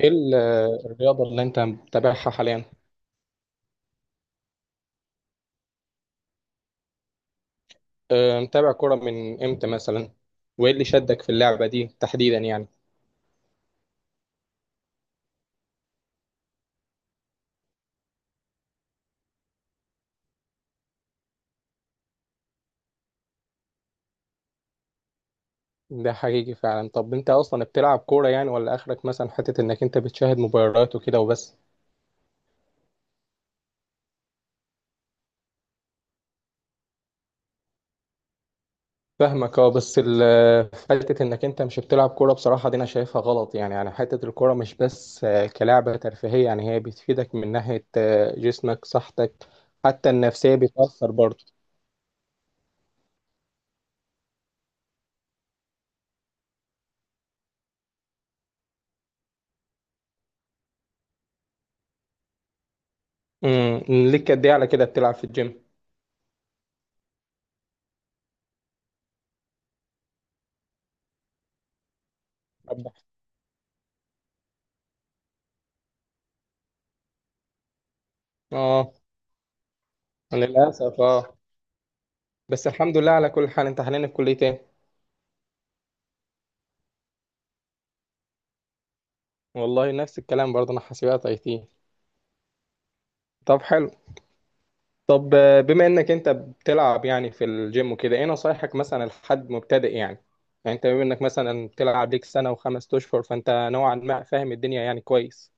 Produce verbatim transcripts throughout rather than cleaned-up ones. ايه ال- الرياضة اللي انت متابعها حاليا؟ اه، متابع كرة من امتى مثلا؟ وايه اللي شدك في اللعبة دي تحديدا يعني؟ ده حقيقي فعلا. طب انت اصلا بتلعب كورة يعني، ولا اخرك مثلا حتة انك انت بتشاهد مباريات وكده وبس؟ فاهمك، اه، بس ال- حتة انك انت مش بتلعب كورة بصراحة، دي انا شايفها غلط يعني يعني حتة الكورة مش بس اه، كلعبة ترفيهية، يعني هي بتفيدك من ناحية اه، جسمك صحتك. حتى النفسية بتأثر برضه. امم ليك قد ايه على كده بتلعب في الجيم؟ أبدأ. اه. للأسف اه. بس الحمد لله على كل حال. انت حاليا في كلية ايه؟ والله نفس الكلام برضه، انا حاسبات اي تي. طب حلو. طب، آه، بما انك انت بتلعب يعني في الجيم وكده، ايه نصايحك مثلا لحد مبتدئ يعني؟ يعني انت بما انك مثلا بتلعب ليك سنة وخمس اشهر، فانت نوعا ما فاهم الدنيا يعني كويس.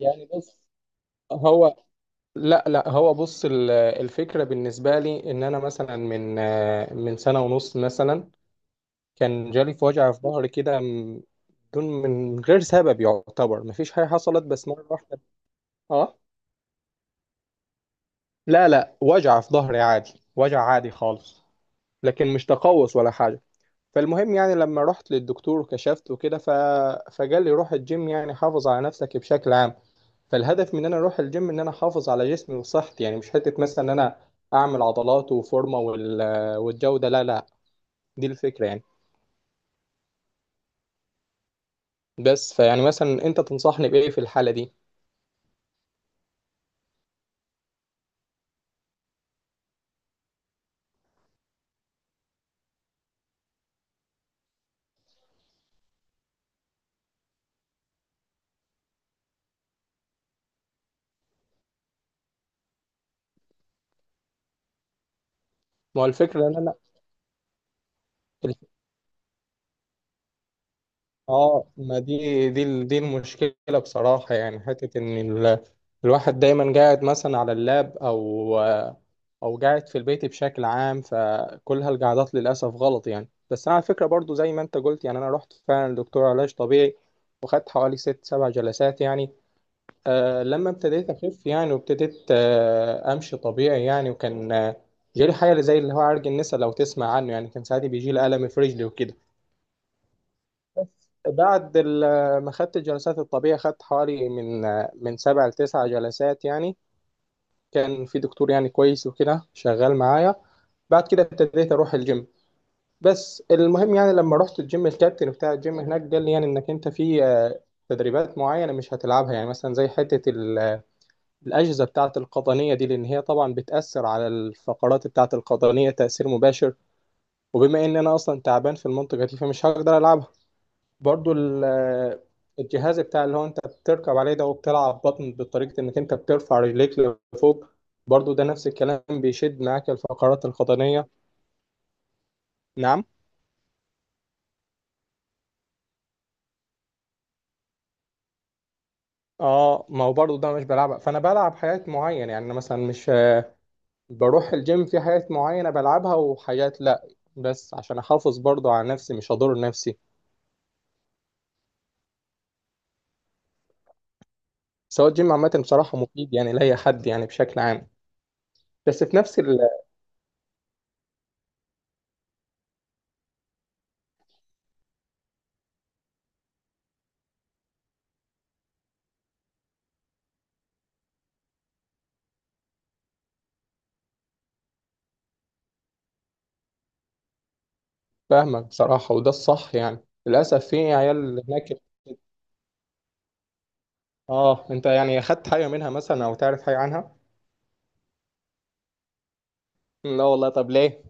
يعني بص. هو. لا لا، هو بص، ال- الفكرة بالنسبة لي ان انا مثلا من آه، من سنة ونص مثلا، كان جالي في وجع في ظهري كده م- بدون من غير سبب يعتبر، مفيش حاجة حصلت بس مرة واحدة. اه. لا لا، وجع في ظهري عادي، وجع عادي خالص. لكن مش تقوس ولا حاجة. فالمهم يعني لما رحت للدكتور وكشفت وكده ف... فقال لي روح الجيم يعني، حافظ على نفسك بشكل عام. فالهدف من ان انا اروح الجيم ان انا احافظ على جسمي وصحتي، يعني مش حتة مثلا ان انا اعمل عضلات وفورمة وال... والجودة، لا لا. دي الفكرة يعني. بس، فيعني مثلا انت تنصحني بايه في الحالة دي؟ ما هو الفكرة ان، الف- اه ما دي دي ال- دي المشكله بصراحه، يعني حته ان ال... الواحد دايما قاعد مثلا على اللاب او، او قاعد في البيت بشكل عام، فكل هالقعدات للاسف غلط يعني. بس انا على فكره، برضو زي ما انت قلت، يعني انا رحت فعلا لدكتور علاج طبيعي، وخدت حوالي ست سبع جلسات يعني. آه لما ابتديت اخف يعني، وابتديت آه امشي طبيعي يعني، وكان، آه، جالي حاجه زي اللي هو عرج النسا، لو تسمع عنه يعني، كان ساعات بيجي لي الم في رجلي وكده. بس بعد ال- ما خدت الجلسات الطبية، خدت حوالي من من سبع لتسع جلسات يعني. كان في دكتور يعني كويس وكده شغال معايا. بعد كده ابتديت اروح الجيم. بس المهم يعني لما رحت الجيم، الكابتن بتاع الجيم هناك قال لي يعني انك انت في، آه، تدريبات معينة مش هتلعبها، يعني مثلا زي حتة ال- الأجهزة بتاعة القطنية دي، لأن هي طبعا بتأثر على الفقرات بتاعة القطنية تأثير مباشر. وبما إن أنا أصلا تعبان في المنطقة دي، فمش هقدر ألعبها. برضو ال- الجهاز بتاع اللي هو انت بتركب عليه ده، وبتلعب بطن بطريقة انك انت بترفع رجليك لفوق، برضو ده نفس الكلام بيشد معاك الفقرات القطنية. نعم. اه، ما هو برضو ده مش بلعبها، فانا بلعب حاجات معينة يعني. أنا مثلا مش بروح الجيم في حاجات معينة بلعبها وحاجات لا، بس عشان احافظ برضو على نفسي مش اضر نفسي. سواء الجيم عامة، بصراحة مفيد يعني لأي حد يعني، بشكل عام. بس في نفس ال- فاهمك بصراحة، وده الصح يعني. للأسف في عيال هناك. اه، انت يعني اخدت حاجه منها مثلا، او تعرف حاجه عنها؟ لا والله، طب ليه؟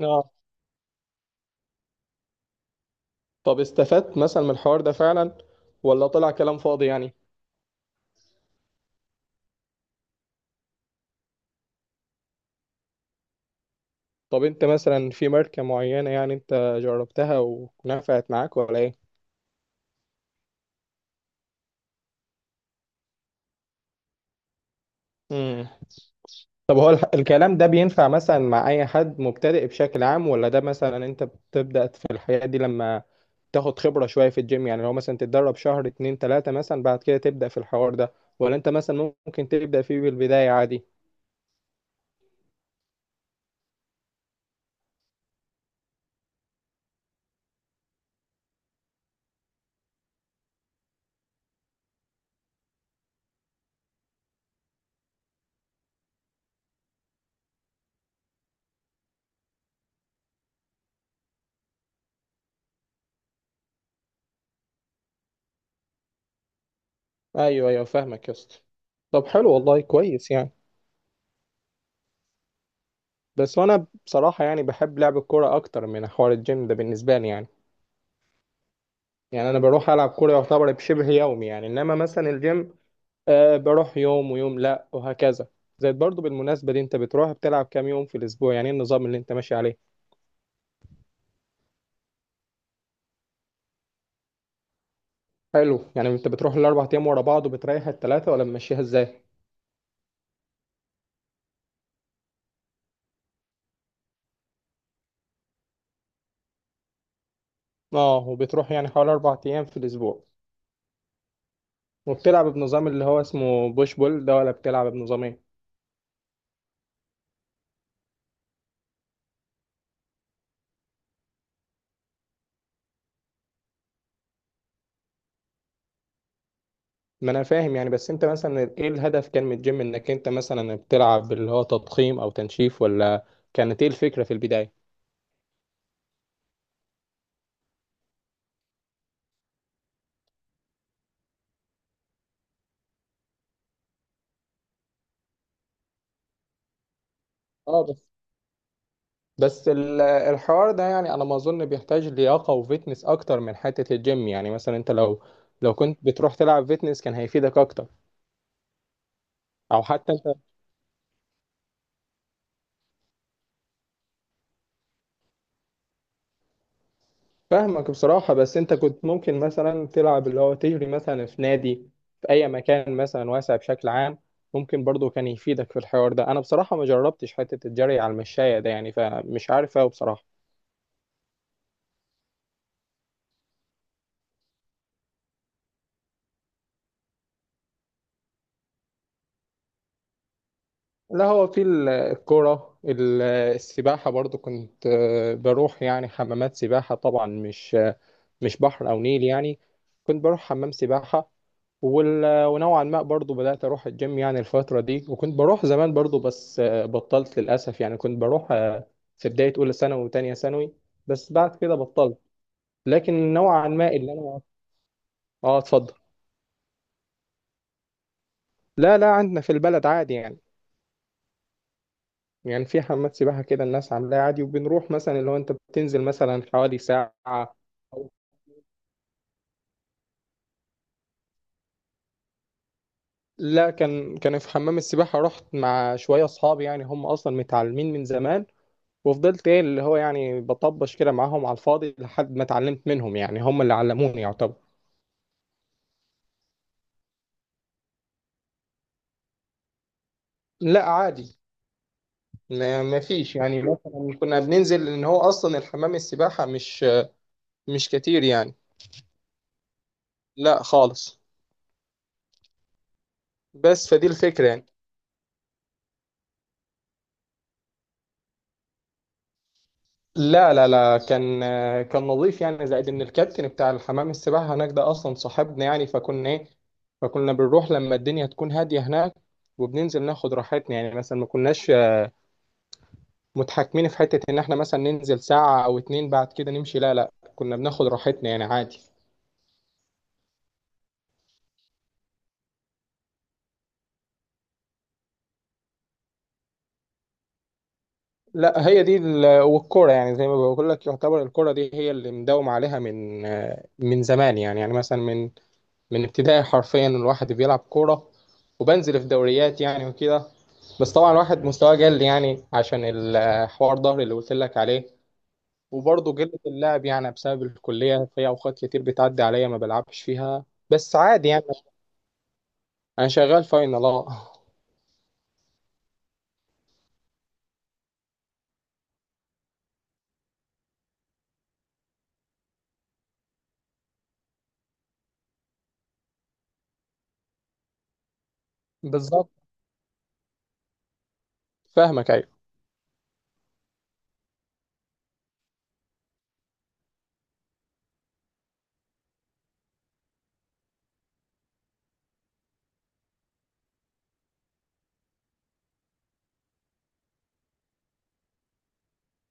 اه. طب استفدت مثلا من الحوار ده فعلا، ولا طلع كلام فاضي يعني؟ طب انت مثلا في ماركه معينه يعني، انت جربتها ونفعت معاك ولا ايه؟ امم. طب هو الح- الكلام ده بينفع مثلا مع اي حد مبتدئ بشكل عام، ولا ده مثلا انت بتبدا في الحياه دي لما تاخد خبره شويه في الجيم يعني، لو مثلا تتدرب شهر اتنين تلاته مثلا بعد كده تبدا في الحوار ده، ولا انت مثلا ممكن تبدا فيه بالبدايه عادي؟ ايوه ايوه، فاهمك يا اسطى. طب حلو والله، كويس يعني. بس انا بصراحه يعني بحب لعب الكوره اكتر من حوار الجيم ده بالنسبه لي يعني. يعني انا بروح العب كوره يعتبر بشبه يومي يعني، انما مثلا الجيم آه بروح يوم ويوم لا وهكذا. زائد برضو بالمناسبه دي، انت بتروح بتلعب كام يوم في الاسبوع يعني، ايه النظام اللي انت ماشي عليه؟ حلو، يعني انت بتروح الاربع ايام ورا بعض وبتريح الثلاثه، ولا ماشيها ازاي؟ اه، وبتروح يعني حوالي اربع ايام في الاسبوع، وبتلعب بنظام اللي هو اسمه بوش بول ده، ولا بتلعب بنظام ايه؟ ما انا فاهم يعني، بس انت مثلا ايه الهدف كان من الجيم؟ انك انت مثلا بتلعب اللي هو تضخيم او تنشيف، ولا كانت ايه الفكرة في البداية؟ اه بس. بس ال- الحوار ده يعني انا ما اظن بيحتاج لياقة وفيتنس اكتر من حتة الجيم، يعني مثلا انت لو لو كنت بتروح تلعب فيتنس كان هيفيدك اكتر. او حتى انت، فاهمك بصراحة، بس انت كنت ممكن مثلا تلعب اللي هو تجري مثلا في نادي، في اي مكان مثلا واسع بشكل عام، ممكن برضو كان يفيدك في الحوار ده. انا بصراحة ما جربتش حتة الجري على المشاية ده يعني، فمش عارف اوي بصراحة. لا، هو في ال- الكرة، ال- السباحة برضو كنت، آه، بروح يعني حمامات سباحة، طبعا مش، آه، مش بحر أو نيل يعني، كنت بروح حمام سباحة. وال- ونوعا ما برضو بدأت أروح الجيم يعني الفترة دي، وكنت بروح زمان برضو، بس آه، بطلت للأسف يعني، كنت بروح آه، في بداية أولى ثانوي وتانية ثانوي، بس بعد كده بطلت. لكن نوعا ما اللي أنا، آه اتفضل. لا لا، عندنا في البلد عادي يعني. يعني في حمامات سباحة كده، الناس عاملاها عادي، وبنروح مثلا اللي هو انت بتنزل مثلا حوالي ساعة أو، لا، كان كان في حمام السباحة، رحت مع شوية أصحابي يعني، هم أصلا متعلمين من زمان، وفضلت ايه اللي هو يعني بطبش كده معاهم على الفاضي لحد ما اتعلمت منهم، يعني هم اللي علموني يعتبر. لا عادي. ما ما فيش يعني، مثلا كنا بننزل ان هو اصلا الحمام السباحة مش مش كتير يعني. لا خالص. بس فدي الفكرة يعني. لا لا لا، كان كان نظيف يعني. زائد ان الكابتن بتاع الحمام السباحه هناك ده اصلا صاحبنا، يعني فكنا ايه، فكنا بنروح لما الدنيا تكون هاديه هناك، وبننزل ناخد راحتنا يعني. مثلا ما كناش متحكمين في حته ان احنا مثلا ننزل ساعه او اتنين بعد كده نمشي، لا لا، كنا بناخد راحتنا يعني عادي. لا هي دي ال- والكرة، يعني زي ما بقول لك، يعتبر الكرة دي هي اللي مداوم عليها من، من زمان يعني يعني مثلا من من ابتدائي، حرفيا الواحد بيلعب كورة وبنزل في دوريات يعني وكده. بس طبعا الواحد مستواه قل يعني، عشان الحوار ظهري اللي قلت لك عليه، وبرضه قلة اللعب يعني بسبب الكلية في أوقات كتير بتعدي عليا ما بلعبش فيها، بس عادي يعني. أنا شغال فاينل اه. بالظبط. فاهمك أيوه.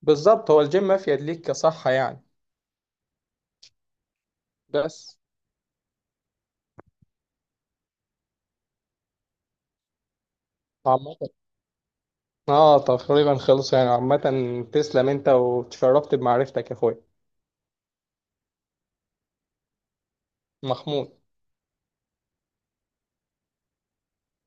بالظبط، هو الجيم مفيد ليك كصحة يعني. بس. عامة، اه تقريبا خلص يعني، عامة. تسلم أنت، وتشرفت بمعرفتك يا أخويا. مخمود.